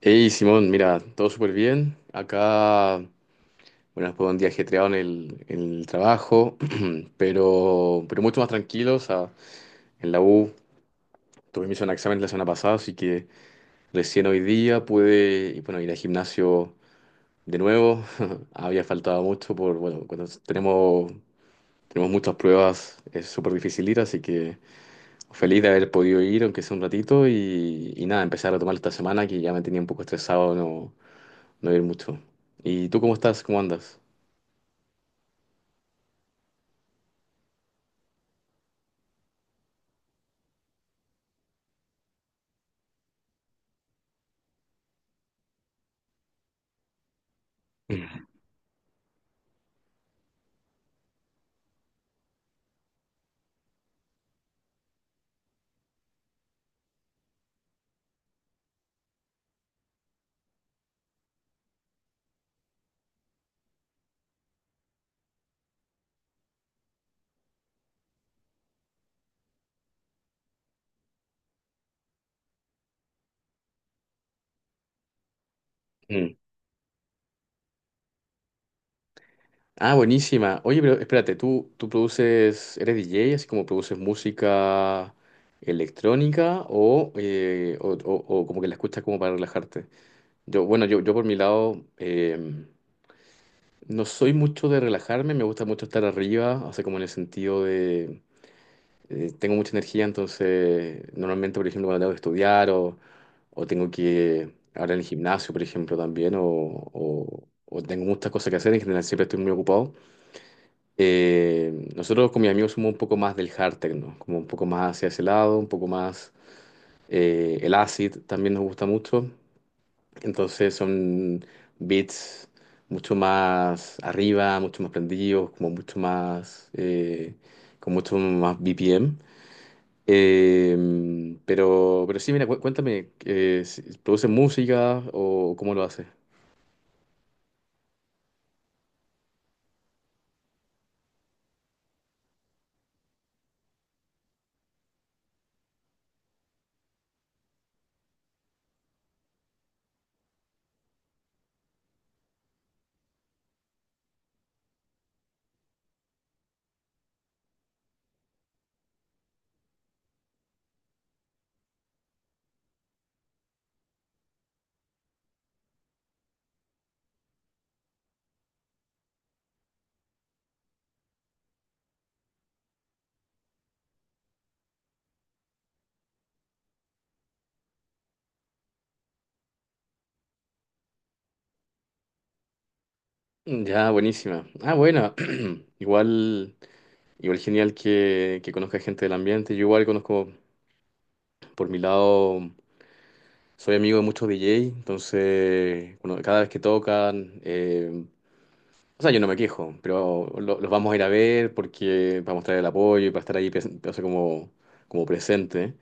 Hey Simón, mira, todo súper bien. Acá, bueno, fue un día ajetreado en en el trabajo, pero mucho más tranquilo. O sea, en la U tuve mis exámenes la semana pasada, así que recién hoy día pude, bueno, ir al gimnasio de nuevo. Había faltado mucho por, bueno, cuando tenemos muchas pruebas es súper difícil ir, así que feliz de haber podido ir, aunque sea un ratito, y nada, empezar a retomar esta semana que ya me tenía un poco estresado, ¿no? No ir mucho. ¿Y tú cómo estás? ¿Cómo andas? Ujú. Ah, buenísima. Oye, pero espérate, ¿tú produces, eres DJ, así como produces música electrónica o, o como que la escuchas como para relajarte? Yo por mi lado no soy mucho de relajarme, me gusta mucho estar arriba, o sea, como en el sentido de tengo mucha energía, entonces normalmente, por ejemplo, cuando tengo que estudiar o tengo que ahora en el gimnasio, por ejemplo, también, o tengo muchas cosas que hacer, en general siempre estoy muy ocupado. Nosotros con mis amigos somos un poco más del hard techno, como un poco más hacia ese lado, un poco más el acid también nos gusta mucho, entonces son beats mucho más arriba, mucho más prendidos, como mucho más, con mucho más BPM. Pero sí, mira, cuéntame, ¿produce música o cómo lo hace? Ya, buenísima. Ah, bueno, igual, igual genial que conozca gente del ambiente. Yo igual conozco, por mi lado, soy amigo de muchos DJ, entonces, bueno, cada vez que tocan, o sea, yo no me quejo, pero los vamos a ir a ver porque para mostrar el apoyo y para estar ahí, o sea, como, como presente.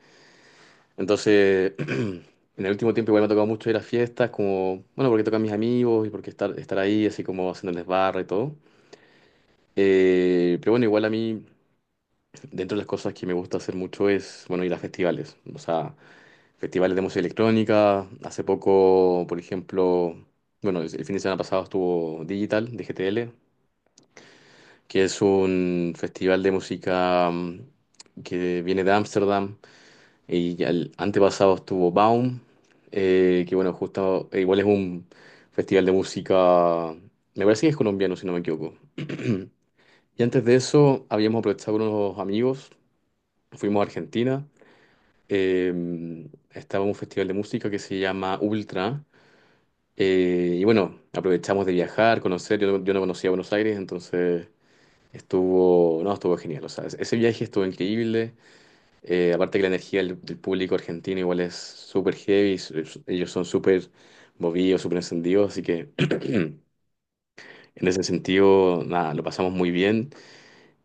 Entonces, en el último tiempo igual me ha tocado mucho ir a fiestas, como, bueno, porque tocan mis amigos y porque estar ahí, así como haciéndoles barra y todo. Pero bueno, igual a mí, dentro de las cosas que me gusta hacer mucho es, bueno, ir a festivales. O sea, festivales de música electrónica. Hace poco, por ejemplo, bueno, el fin de semana pasado estuvo Digital, de GTL, que es un festival de música que viene de Ámsterdam. Y ya el antepasado estuvo Baum, que bueno, justo igual es un festival de música, me parece que es colombiano, si no me equivoco. Y antes de eso, habíamos aprovechado con unos amigos, fuimos a Argentina, estaba en un festival de música que se llama Ultra, y bueno, aprovechamos de viajar, conocer, yo no conocía Buenos Aires, entonces estuvo, no, estuvo genial, o sea, ese viaje estuvo increíble. Aparte que la energía del público argentino igual es súper heavy, ellos son súper movidos, súper encendidos, así que en ese sentido, nada, lo pasamos muy bien.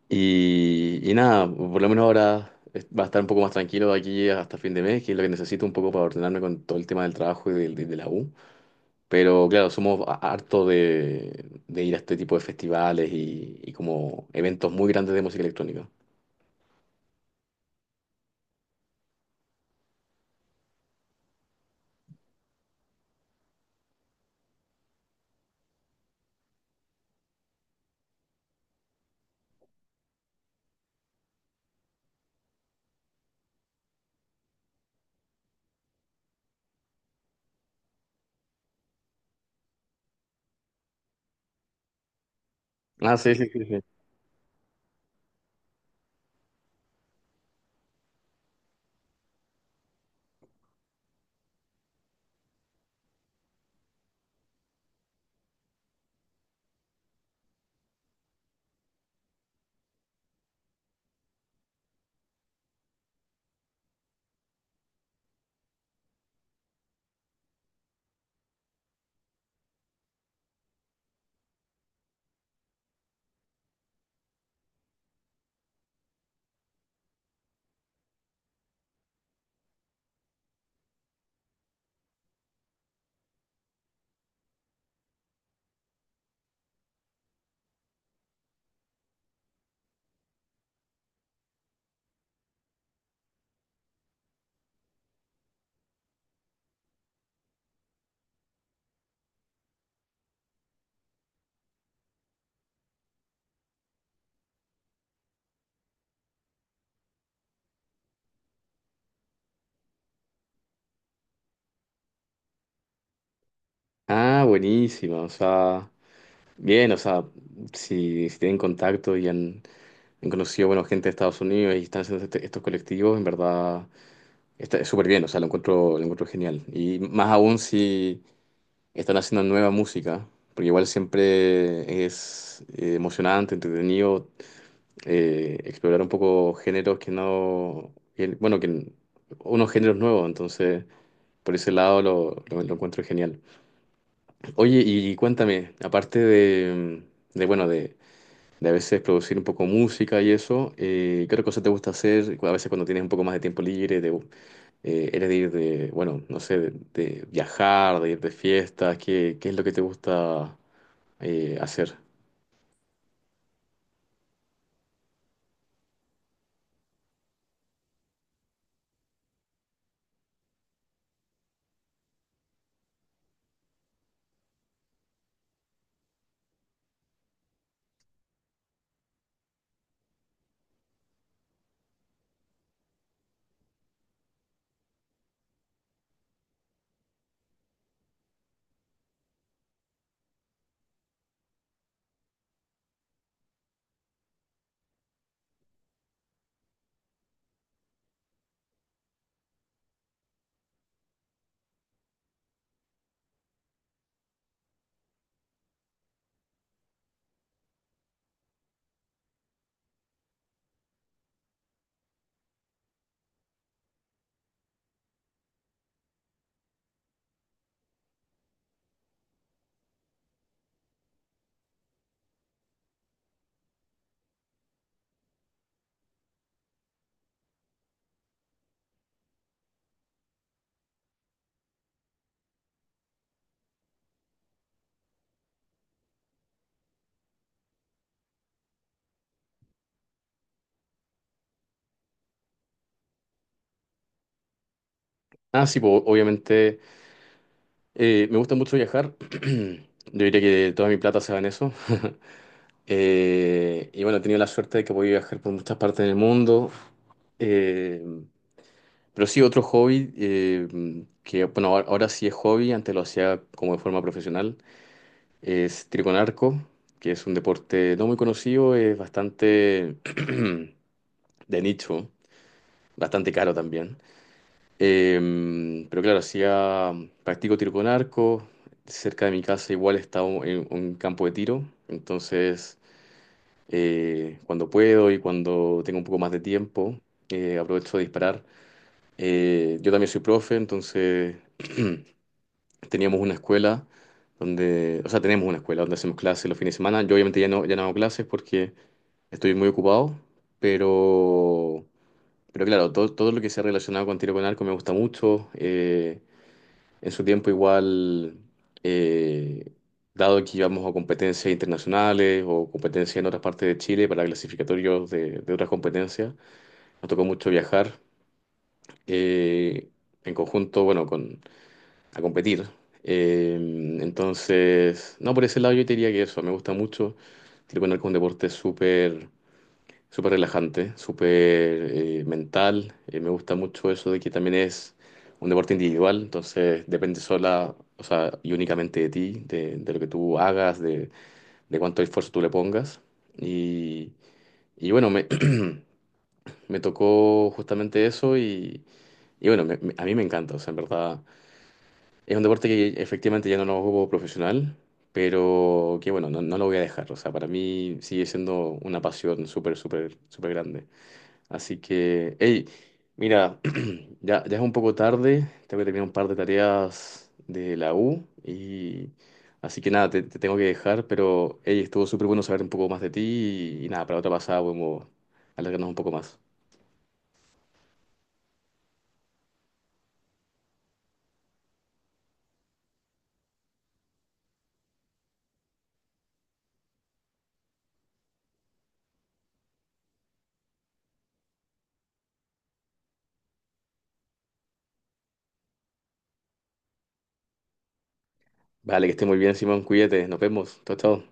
Y nada, por lo menos ahora va a estar un poco más tranquilo de aquí hasta fin de mes, que es lo que necesito un poco para ordenarme con todo el tema del trabajo y de la U. Pero claro, somos hartos de ir a este tipo de festivales y como eventos muy grandes de música electrónica. Ah, sí, sí, sí, sí. Ah, buenísima, o sea... Bien, o sea, si, si tienen contacto y han, han conocido, bueno, gente de Estados Unidos y están haciendo estos colectivos, en verdad está súper bien, o sea, lo encuentro genial. Y más aún si están haciendo nueva música, porque igual siempre es emocionante, entretenido explorar un poco géneros que no, que- bueno, que unos géneros nuevos, entonces por ese lado lo encuentro genial. Oye, y cuéntame, aparte de bueno, de a veces producir un poco música y eso. ¿Qué otra cosa te gusta hacer? A veces cuando tienes un poco más de tiempo libre, de, eres de ir de, bueno, no sé, de viajar, de ir de fiestas. ¿Qué es lo que te gusta hacer? Ah, sí, po, obviamente me gusta mucho viajar. Yo diría que toda mi plata se va en eso. Bueno, he tenido la suerte de que voy a viajar por muchas partes del mundo. Eh, Pero sí, otro hobby que, bueno, ahora ahora sí es hobby, antes lo hacía como de forma profesional, es tiro con arco, que es un deporte no muy conocido, es bastante de nicho, bastante caro también. Pero claro, hacía, practico tiro con arco, cerca de mi casa igual está un, en un campo de tiro, entonces cuando puedo y cuando tengo un poco más de tiempo, aprovecho de disparar. Yo también soy profe, entonces teníamos una escuela o sea, tenemos una escuela donde hacemos clases los fines de semana. Yo obviamente ya no hago clases porque estoy muy ocupado, pero, pero claro, todo lo que sea relacionado con tiro con arco me gusta mucho. En su tiempo igual, eh, dado que íbamos a competencias internacionales o competencias en otras partes de Chile para clasificatorios de otras competencias, nos tocó mucho viajar. eh, en conjunto, bueno, a competir. Eh, entonces, no, por ese lado yo te diría que eso, me gusta mucho. Tiro con arco es un deporte súper, súper relajante, súper mental. Me gusta mucho eso de que también es un deporte individual, entonces depende sola, o sea, y únicamente de ti, de lo que tú hagas, de cuánto esfuerzo tú le pongas. Y, bueno, me, me tocó justamente eso y bueno, a mí me encanta, o sea, en verdad. Es un deporte que efectivamente ya no lo juego profesional, pero que bueno, no, no lo voy a dejar. O sea, para mí sigue siendo una pasión súper, súper, súper grande. Así que, hey, mira, ya es un poco tarde, tengo que terminar un par de tareas de la U y así que nada, te tengo que dejar, pero hey, estuvo súper bueno saber un poco más de ti nada, para otra pasada podemos alargarnos un poco más. Vale, que esté muy bien, Simón, cuídate, nos vemos, chao, chao.